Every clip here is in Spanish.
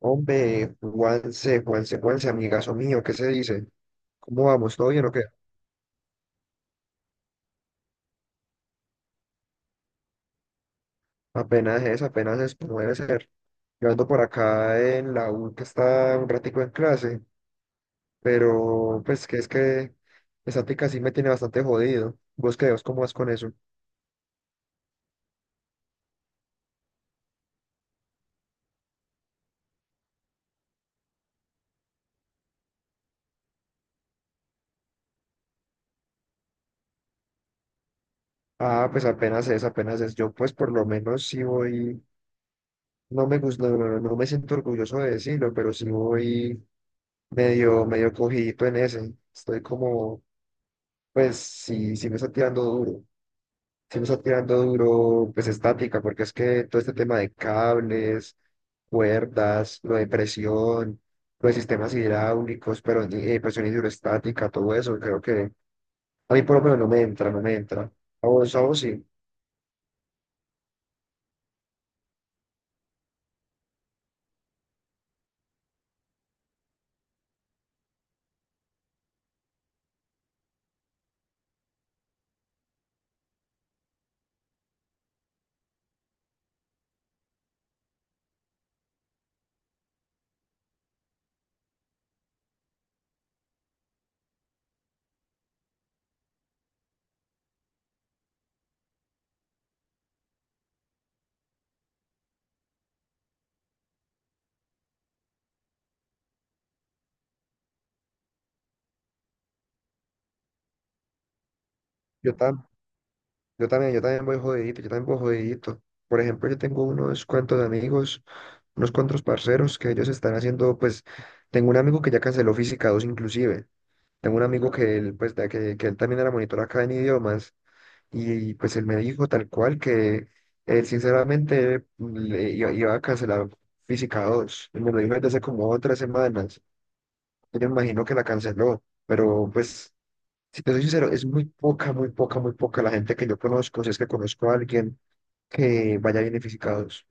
Hombre, Juanse, amigazo mío, ¿qué se dice? ¿Cómo vamos? ¿Todo bien o qué? Apenas es, como debe ser. Yo ando por acá en la U, que está un ratico en clase, pero pues que es que esa tica sí me tiene bastante jodido. ¿Vos qué, vos cómo vas con eso? Ah, pues apenas es. Yo pues por lo menos sí voy, no me gusta, no me siento orgulloso de decirlo, pero sí voy medio cogidito en ese. Estoy como, pues sí me está tirando duro. Sí me está tirando duro, pues estática, porque es que todo este tema de cables, cuerdas, lo de presión, lo de sistemas hidráulicos, pero presión hidroestática, todo eso, creo que a mí por lo menos no me entra, no me entra. A vos sí. yo, tam- yo también voy jodidito, yo también voy jodidito. Por ejemplo, yo tengo unos cuantos amigos, unos cuantos parceros que ellos están haciendo, pues, tengo un amigo que ya canceló Física 2 inclusive. Tengo un amigo que él, pues, que él también era monitor acá en idiomas. Y pues él me dijo tal cual que él sinceramente iba a cancelar Física 2. Y me lo dijo desde hace como tres semanas. Yo me imagino que la canceló. Pero pues, si te soy sincero, es muy poca la gente que yo conozco, si es que conozco a alguien que vaya bien en Física 2.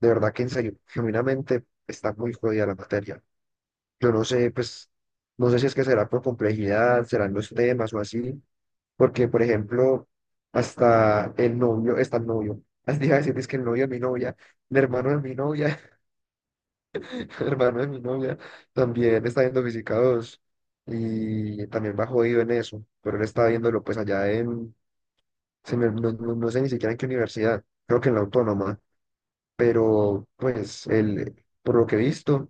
De verdad que en serio, genuinamente está muy jodida la materia. Yo no sé, pues, no sé si es que será por complejidad, serán los temas o así, porque, por ejemplo, hasta el novio, está el novio. Así iba a decir, es que el novio de mi novia, el hermano de mi novia, el hermano de mi novia, también está viendo Física 2 y también va jodido en eso, pero él está viéndolo pues allá en, se me- no, no- no sé ni siquiera en qué universidad, creo que en la autónoma, pero pues él, por lo que he visto,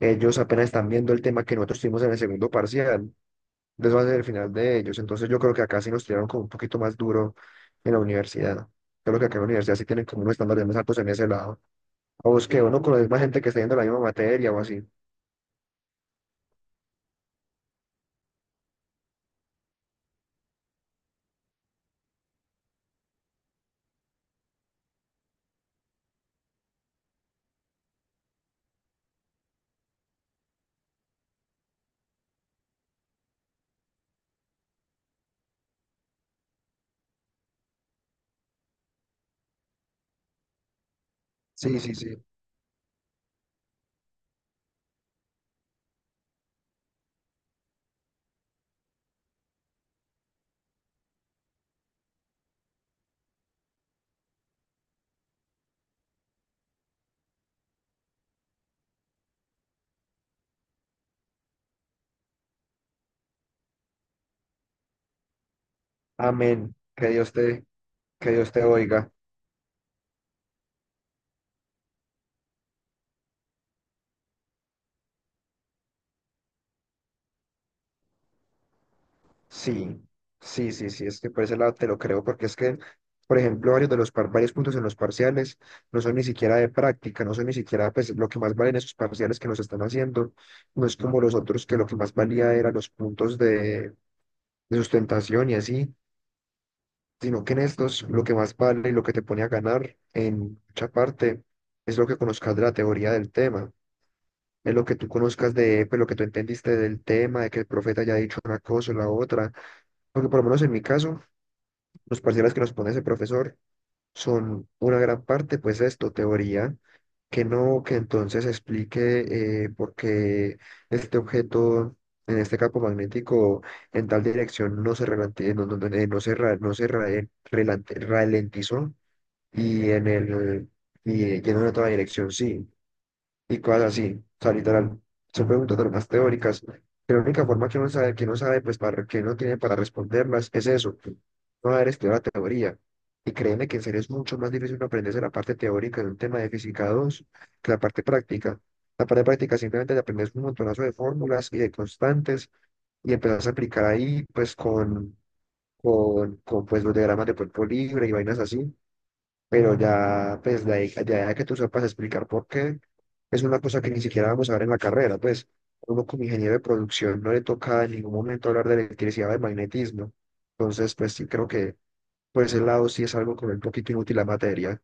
ellos apenas están viendo el tema que nosotros tuvimos en el segundo parcial. De eso va a ser el final de ellos. Entonces yo creo que acá sí nos tiraron como un poquito más duro en la universidad. Creo que acá en la universidad sí tienen como unos estándares más altos en ese lado. O es que uno con la misma gente que está yendo la misma materia o así. Sí, sí, sí. Amén. Que Dios te oiga. Sí, sí, sí, sí. Es que por ese lado te lo creo, porque es que, por ejemplo, varios puntos en los parciales no son ni siquiera de práctica, no son ni siquiera pues lo que más valen esos parciales que nos están haciendo. No es como los otros que lo que más valía eran los puntos de sustentación y así, sino que en estos lo que más vale y lo que te pone a ganar en mucha parte es lo que conozcas de la teoría del tema, es lo que tú conozcas de, pues, lo que tú entendiste del tema, de que el profeta haya dicho una cosa o la otra, porque por lo menos en mi caso, los parciales que nos pone ese profesor, son una gran parte, pues esto, teoría, que no, que entonces explique por qué este objeto en este campo magnético en tal dirección no se, relante- no, no- no- no se, ra- no se ra- relante- ralentizó y en el, y en una otra dirección sí y cosas así. O sea, literal, son preguntas de las más teóricas. Que La única forma que uno sabe, que no sabe, pues para que no tiene para responderlas, es eso, no haber estudiado la teoría. Y créeme que en serio es mucho más difícil uno aprenderse la parte teórica de un tema de física 2 que la parte práctica. La parte práctica simplemente te aprendes un montonazo de fórmulas y de constantes y empezás a aplicar ahí, pues con pues, los diagramas de cuerpo libre y vainas así, pero ya, pues, ya de que tú sepas explicar por qué, es una cosa que ni siquiera vamos a ver en la carrera, pues, uno como ingeniero de producción no le toca en ningún momento hablar de electricidad o de magnetismo, entonces, pues, sí creo que por ese lado sí es algo como un poquito inútil la materia.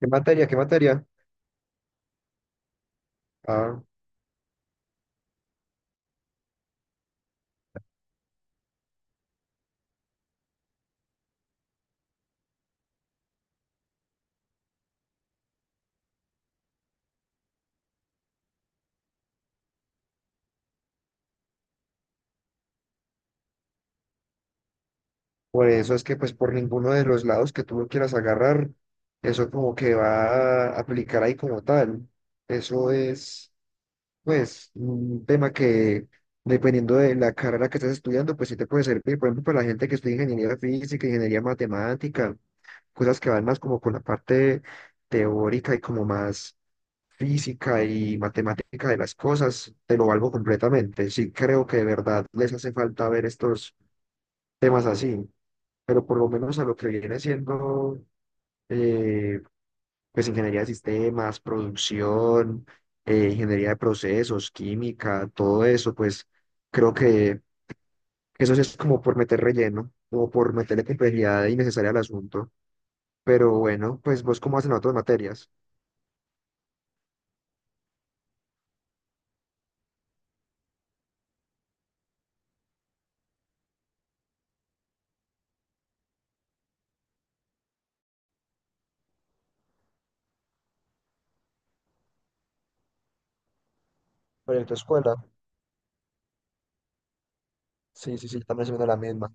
¿Qué materia? ¿Qué materia? Ah, por eso es que, pues, por ninguno de los lados que tú lo quieras agarrar, eso como que va a aplicar ahí como tal, eso es pues un tema que dependiendo de la carrera que estés estudiando, pues sí te puede servir, por ejemplo, para la gente que estudia ingeniería física, ingeniería matemática, cosas que van más como por la parte teórica y como más física y matemática de las cosas, te lo valgo completamente. Sí creo que de verdad les hace falta ver estos temas así, pero por lo menos a lo que viene siendo... eh, pues ingeniería de sistemas, producción, ingeniería de procesos, química, todo eso, pues creo que eso sí es como por meter relleno, como por meterle complejidad innecesaria al asunto. Pero bueno, pues vos cómo hacen otras materias. Pero en tu escuela, sí, sí, sí, también se viene la misma.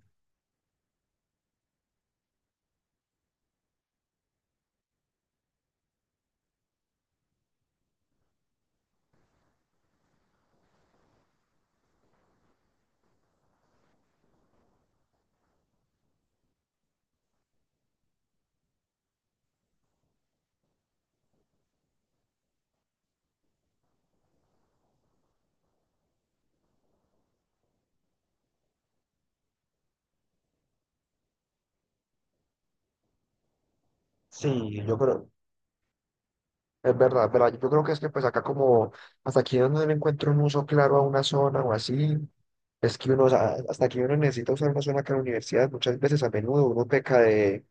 Sí, yo creo, es verdad, es verdad. Yo creo que es que pues acá como, hasta aquí donde le encuentro un uso claro a una zona o así, es que uno, o sea, hasta aquí uno necesita usar una zona que en la universidad muchas veces a menudo uno peca de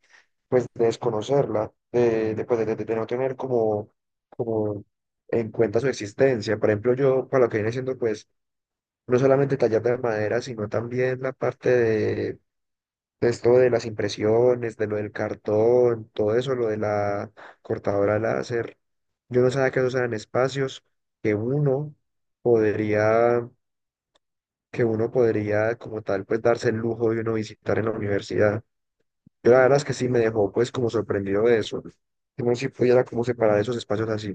pues de desconocerla, pues, de no tener como, como en cuenta su existencia. Por ejemplo, yo para lo que viene siendo pues no solamente tallar de madera, sino también la parte de esto de las impresiones, de lo del cartón, todo eso, lo de la cortadora láser. Yo no sabía que esos eran espacios que uno podría, que uno podría como tal pues darse el lujo de uno visitar en la universidad. Yo la verdad es que sí me dejó pues como sorprendido de eso. Que uno sí pudiera como separar esos espacios así.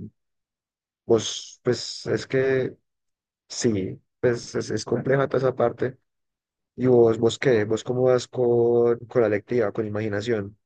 Vos, pues es que sí, pues es compleja toda esa parte. Y vos, vos qué, vos cómo vas con la lectiva, con imaginación.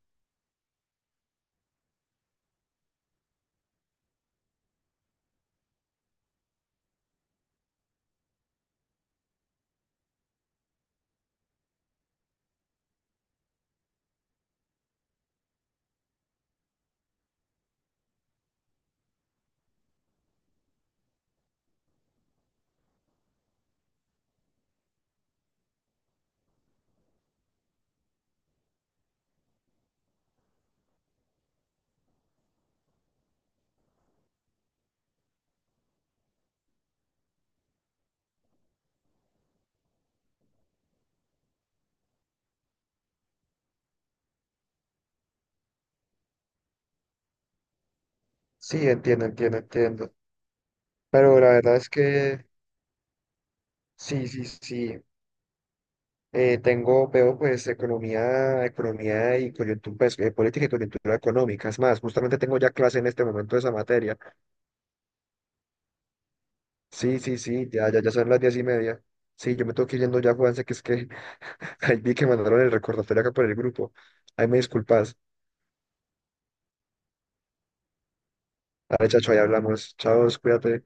Sí, entiendo, entiendo, entiendo. Pero la verdad es que sí, sí, sí. Tengo, veo pues economía y coyuntura, política y coyuntura económica. Es más, justamente tengo ya clase en este momento de esa materia. Sí, sí, sí, ya son las 10:30. Sí, yo me tengo que ir yendo ya, Juanse, que es que ahí vi que mandaron el recordatorio acá por el grupo. Ahí me disculpas. Dale, chacho, ahí hablamos. Chao, cuídate.